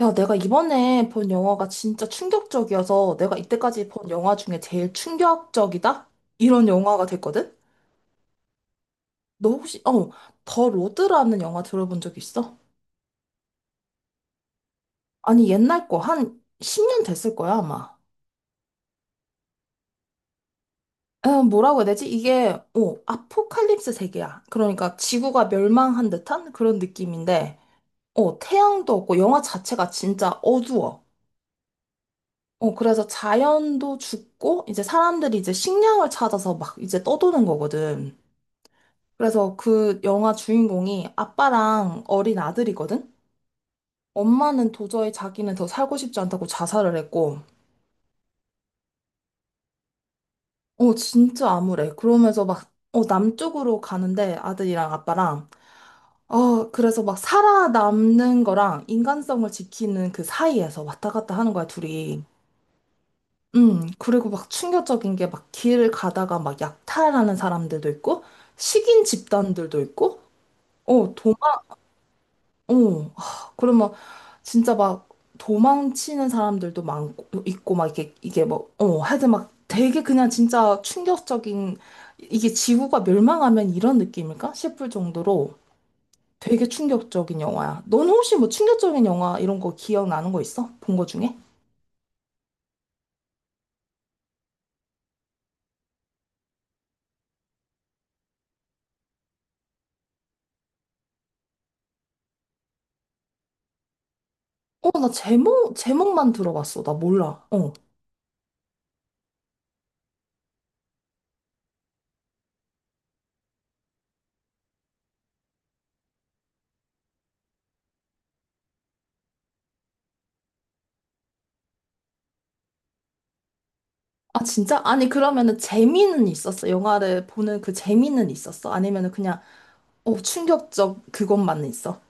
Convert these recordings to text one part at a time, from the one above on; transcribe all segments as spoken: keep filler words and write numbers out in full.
야, 내가 이번에 본 영화가 진짜 충격적이어서 내가 이때까지 본 영화 중에 제일 충격적이다? 이런 영화가 됐거든? 너 혹시, 어, 더 로드라는 영화 들어본 적 있어? 아니, 옛날 거, 한 십 년 됐을 거야, 아마. 어, 뭐라고 해야 되지? 이게, 어, 아포칼립스 세계야. 그러니까 지구가 멸망한 듯한 그런 느낌인데, 어, 태양도 없고 영화 자체가 진짜 어두워. 어, 그래서 자연도 죽고, 이제 사람들이 이제 식량을 찾아서 막 이제 떠도는 거거든. 그래서 그 영화 주인공이 아빠랑 어린 아들이거든? 엄마는 도저히 자기는 더 살고 싶지 않다고 자살을 했고, 어, 진짜 암울해. 그러면서 막, 어, 남쪽으로 가는데 아들이랑 아빠랑, 어, 그래서 막 살아남는 거랑 인간성을 지키는 그 사이에서 왔다 갔다 하는 거야, 둘이. 음, 그리고 막 충격적인 게 막 길을 가다가 막 약탈하는 사람들도 있고, 식인 집단들도 있고, 어, 어, 하, 그러면 진짜 막 도망치는 사람들도 많고 있고 막 이게 이게 뭐 어, 하여튼 막 되게 그냥 진짜 충격적인 이게 지구가 멸망하면 이런 느낌일까 싶을 정도로 되게 충격적인 영화야. 넌 혹시 뭐 충격적인 영화 이런 거 기억나는 거 있어? 본 거 중에? 어, 나 제목 제목만 들어봤어. 나 몰라. 어. 아, 진짜? 아니, 그러면은 재미는 있었어? 영화를 보는 그 재미는 있었어? 아니면은 그냥 어, 충격적 그것만 있어?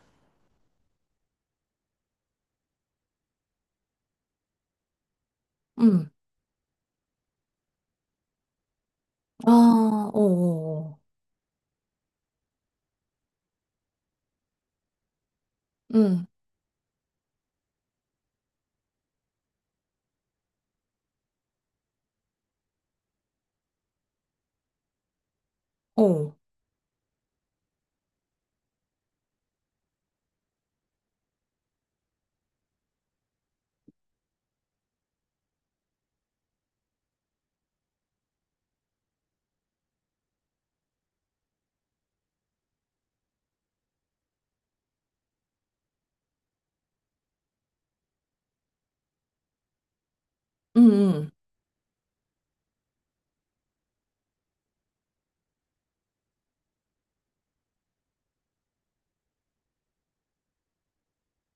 음. 아, 어, 어, 응, 어, 응, 응.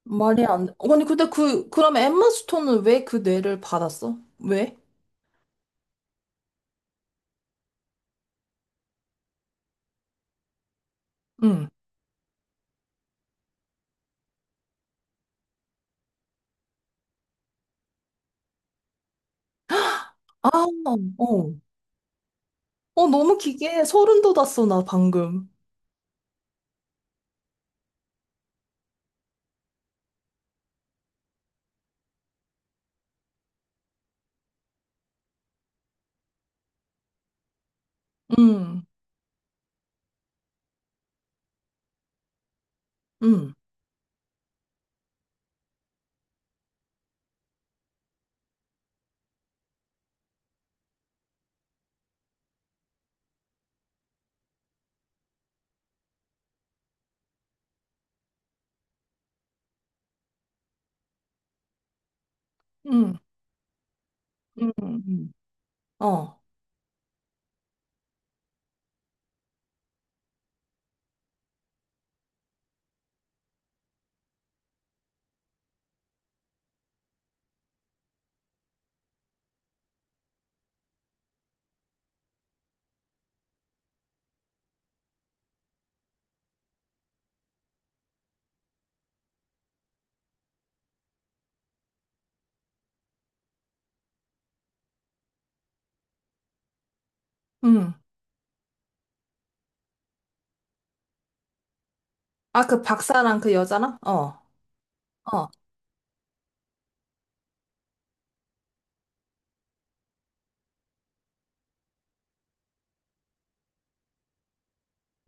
말이 안 돼. 아니, 근데 그, 그럼 엠마 스톤은 왜 그 뇌를 받았어? 왜? 응. 아, 어. 어, 너무 기괴해. 소름 돋았어, 나 방금. 응, 응, 응, 응, 응. 어, 응. 아, 그 박사랑 그 여자랑? 어, 어,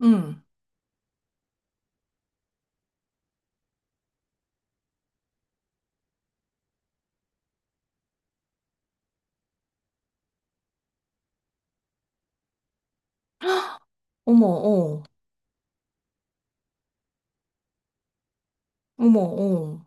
응. 어머, 어, 어머, 어,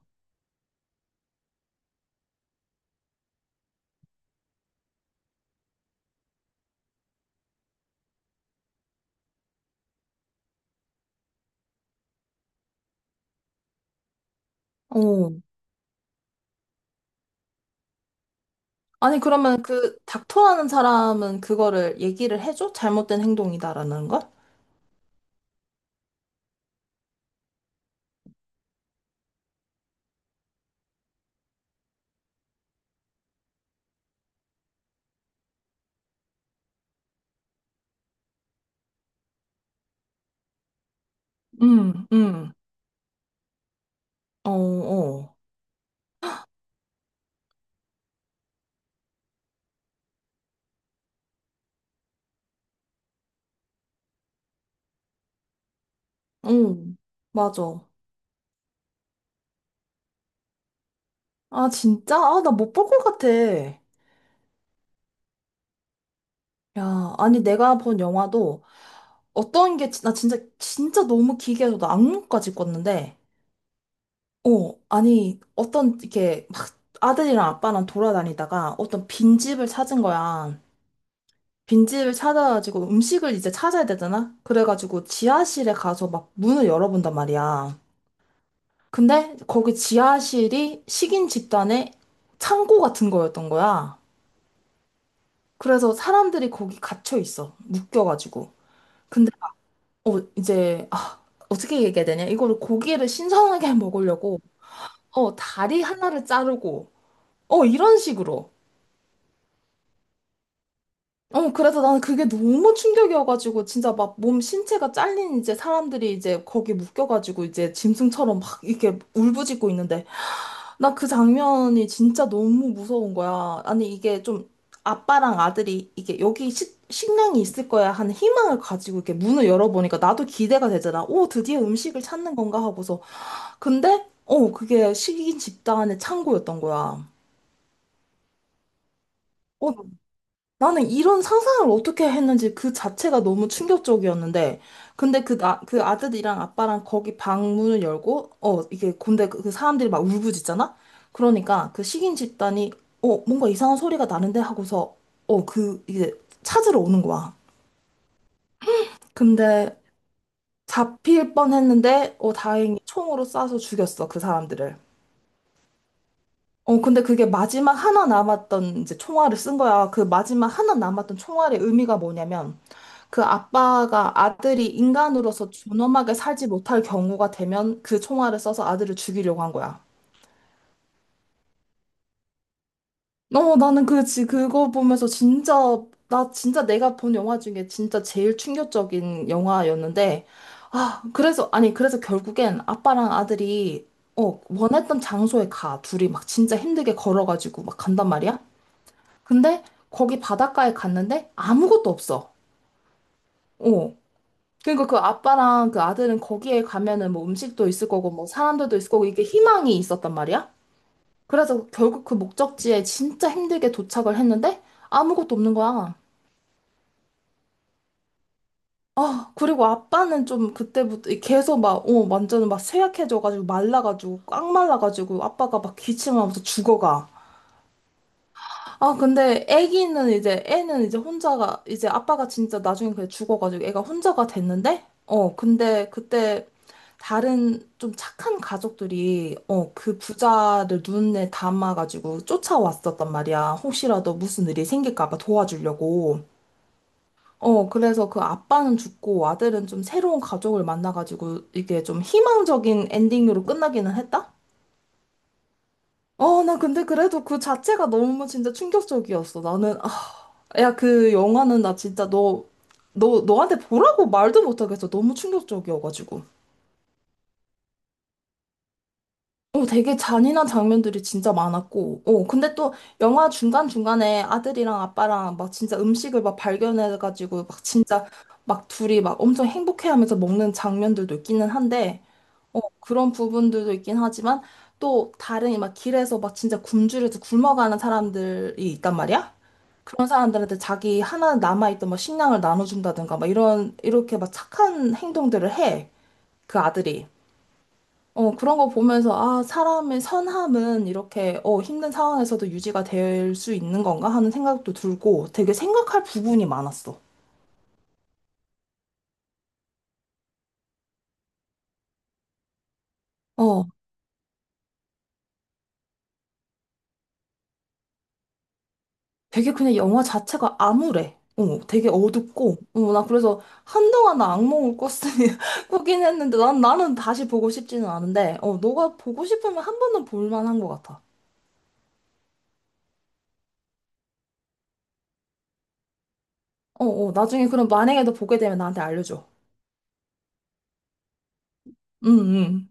어. 아니, 그러면 그 닥터라는 사람은 그거를 얘기를 해줘? 잘못된 행동이다라는 걸? 응, 응, 어, 어, 응, 맞아. 아, 진짜? 아, 나 못 볼 것 같아. 야, 아니, 내가 본 영화도 어떤 게, 진- 나 진짜, 진짜 너무 기괴해서 나 악몽까지 꿨는데, 어, 아니, 어떤, 이렇게 막 아들이랑 아빠랑 돌아다니다가 어떤 빈집을 찾은 거야. 빈집을 찾아가지고 음식을 이제 찾아야 되잖아? 그래가지고 지하실에 가서 막 문을 열어본단 말이야. 근데 거기 지하실이 식인 집단의 창고 같은 거였던 거야. 그래서 사람들이 거기 갇혀 있어. 묶여가지고. 근데, 어, 이제, 아, 어떻게 얘기해야 되냐. 이거를 고기를 신선하게 먹으려고, 어, 다리 하나를 자르고, 어, 이런 식으로. 어, 그래서 나는 그게 너무 충격이어가지고, 진짜 막 몸 신체가 잘린 이제 사람들이 이제 거기 묶여가지고, 이제 짐승처럼 막 이렇게 울부짖고 있는데, 나 그 장면이 진짜 너무 무서운 거야. 아니, 이게 좀 아빠랑 아들이 이게 여기 식, 식량이 있을 거야 하는 희망을 가지고 이렇게 문을 열어보니까 나도 기대가 되잖아. 오, 드디어 음식을 찾는 건가 하고서. 근데, 어, 그게 식인 집단의 창고였던 거야. 어, 나는 이런 상상을 어떻게 했는지 그 자체가 너무 충격적이었는데, 근데 그, 나, 그 아들이랑 아빠랑 거기 방 문을 열고, 어, 이게, 근데 그, 그 사람들이 막 울부짖잖아? 그러니까 그 식인 집단이, 어, 뭔가 이상한 소리가 나는데 하고서, 어, 그, 이게 찾으러 오는 거야. 근데 잡힐 뻔 했는데, 어, 다행히 총으로 쏴서 죽였어, 그 사람들을. 어, 근데 그게 마지막 하나 남았던 이제 총알을 쓴 거야. 그 마지막 하나 남았던 총알의 의미가 뭐냐면, 그 아빠가 아들이 인간으로서 존엄하게 살지 못할 경우가 되면 그 총알을 써서 아들을 죽이려고 한 거야. 어, 나는 그, 지, 그거 보면서 진짜, 나 진짜 내가 본 영화 중에 진짜 제일 충격적인 영화였는데, 아, 그래서, 아니, 그래서 결국엔 아빠랑 아들이, 어, 원했던 장소에 가. 둘이 막 진짜 힘들게 걸어가지고 막 간단 말이야? 근데 거기 바닷가에 갔는데 아무것도 없어. 어, 그러니까 그 아빠랑 그 아들은 거기에 가면은 뭐 음식도 있을 거고 뭐 사람들도 있을 거고 이게 희망이 있었단 말이야. 그래서 결국 그 목적지에 진짜 힘들게 도착을 했는데 아무것도 없는 거야. 아, 그리고 아빠는 좀 그때부터 계속 막, 어, 완전 막 쇠약해져가지고 말라가지고 꽉 말라가지고 아빠가 막 기침하면서 죽어가. 아, 근데 애기는 이제, 애는 이제 혼자가, 이제 아빠가 진짜 나중에 그냥 죽어가지고 애가 혼자가 됐는데, 어, 근데 그때 다른 좀 착한 가족들이, 어, 그 부자를 눈에 담아가지고 쫓아왔었단 말이야. 혹시라도 무슨 일이 생길까봐 도와주려고. 어, 그래서 그 아빠는 죽고 아들은 좀 새로운 가족을 만나가지고 이게 좀 희망적인 엔딩으로 끝나기는 했다? 어, 나 근데 그래도 그 자체가 너무 진짜 충격적이었어. 나는, 아, 야, 그 영화는 나 진짜 너, 너, 너한테 보라고 말도 못하겠어. 너무 충격적이어가지고. 어, 되게 잔인한 장면들이 진짜 많았고. 어, 근데 또 영화 중간중간에 아들이랑 아빠랑 막 진짜 음식을 막 발견해가지고 막 진짜 막 둘이 막 엄청 행복해하면서 먹는 장면들도 있기는 한데, 어, 그런 부분들도 있긴 하지만 또 다른 막 길에서 막 진짜 굶주려서 굶어가는 사람들이 있단 말이야? 그런 사람들한테 자기 하나 남아있던 뭐 식량을 나눠준다든가 막 이런 이렇게 막 착한 행동들을 해. 그 아들이. 어, 그런 거 보면서 아, 사람의 선함은 이렇게 어, 힘든 상황에서도 유지가 될 수 있는 건가 하는 생각도 들고 되게 생각할 부분이 많았어. 어, 되게 그냥 영화 자체가 암울해. 어, 되게 어둡고, 어, 나 그래서 한동안 나 악몽을 꿨으니, 꾸긴 했는데, 난, 나는 다시 보고 싶지는 않은데, 어, 너가 보고 싶으면 한 번은 볼만한 것 같아. 어, 어, 나중에 그럼 만약에 너 보게 되면 나한테 알려줘. 응, 응.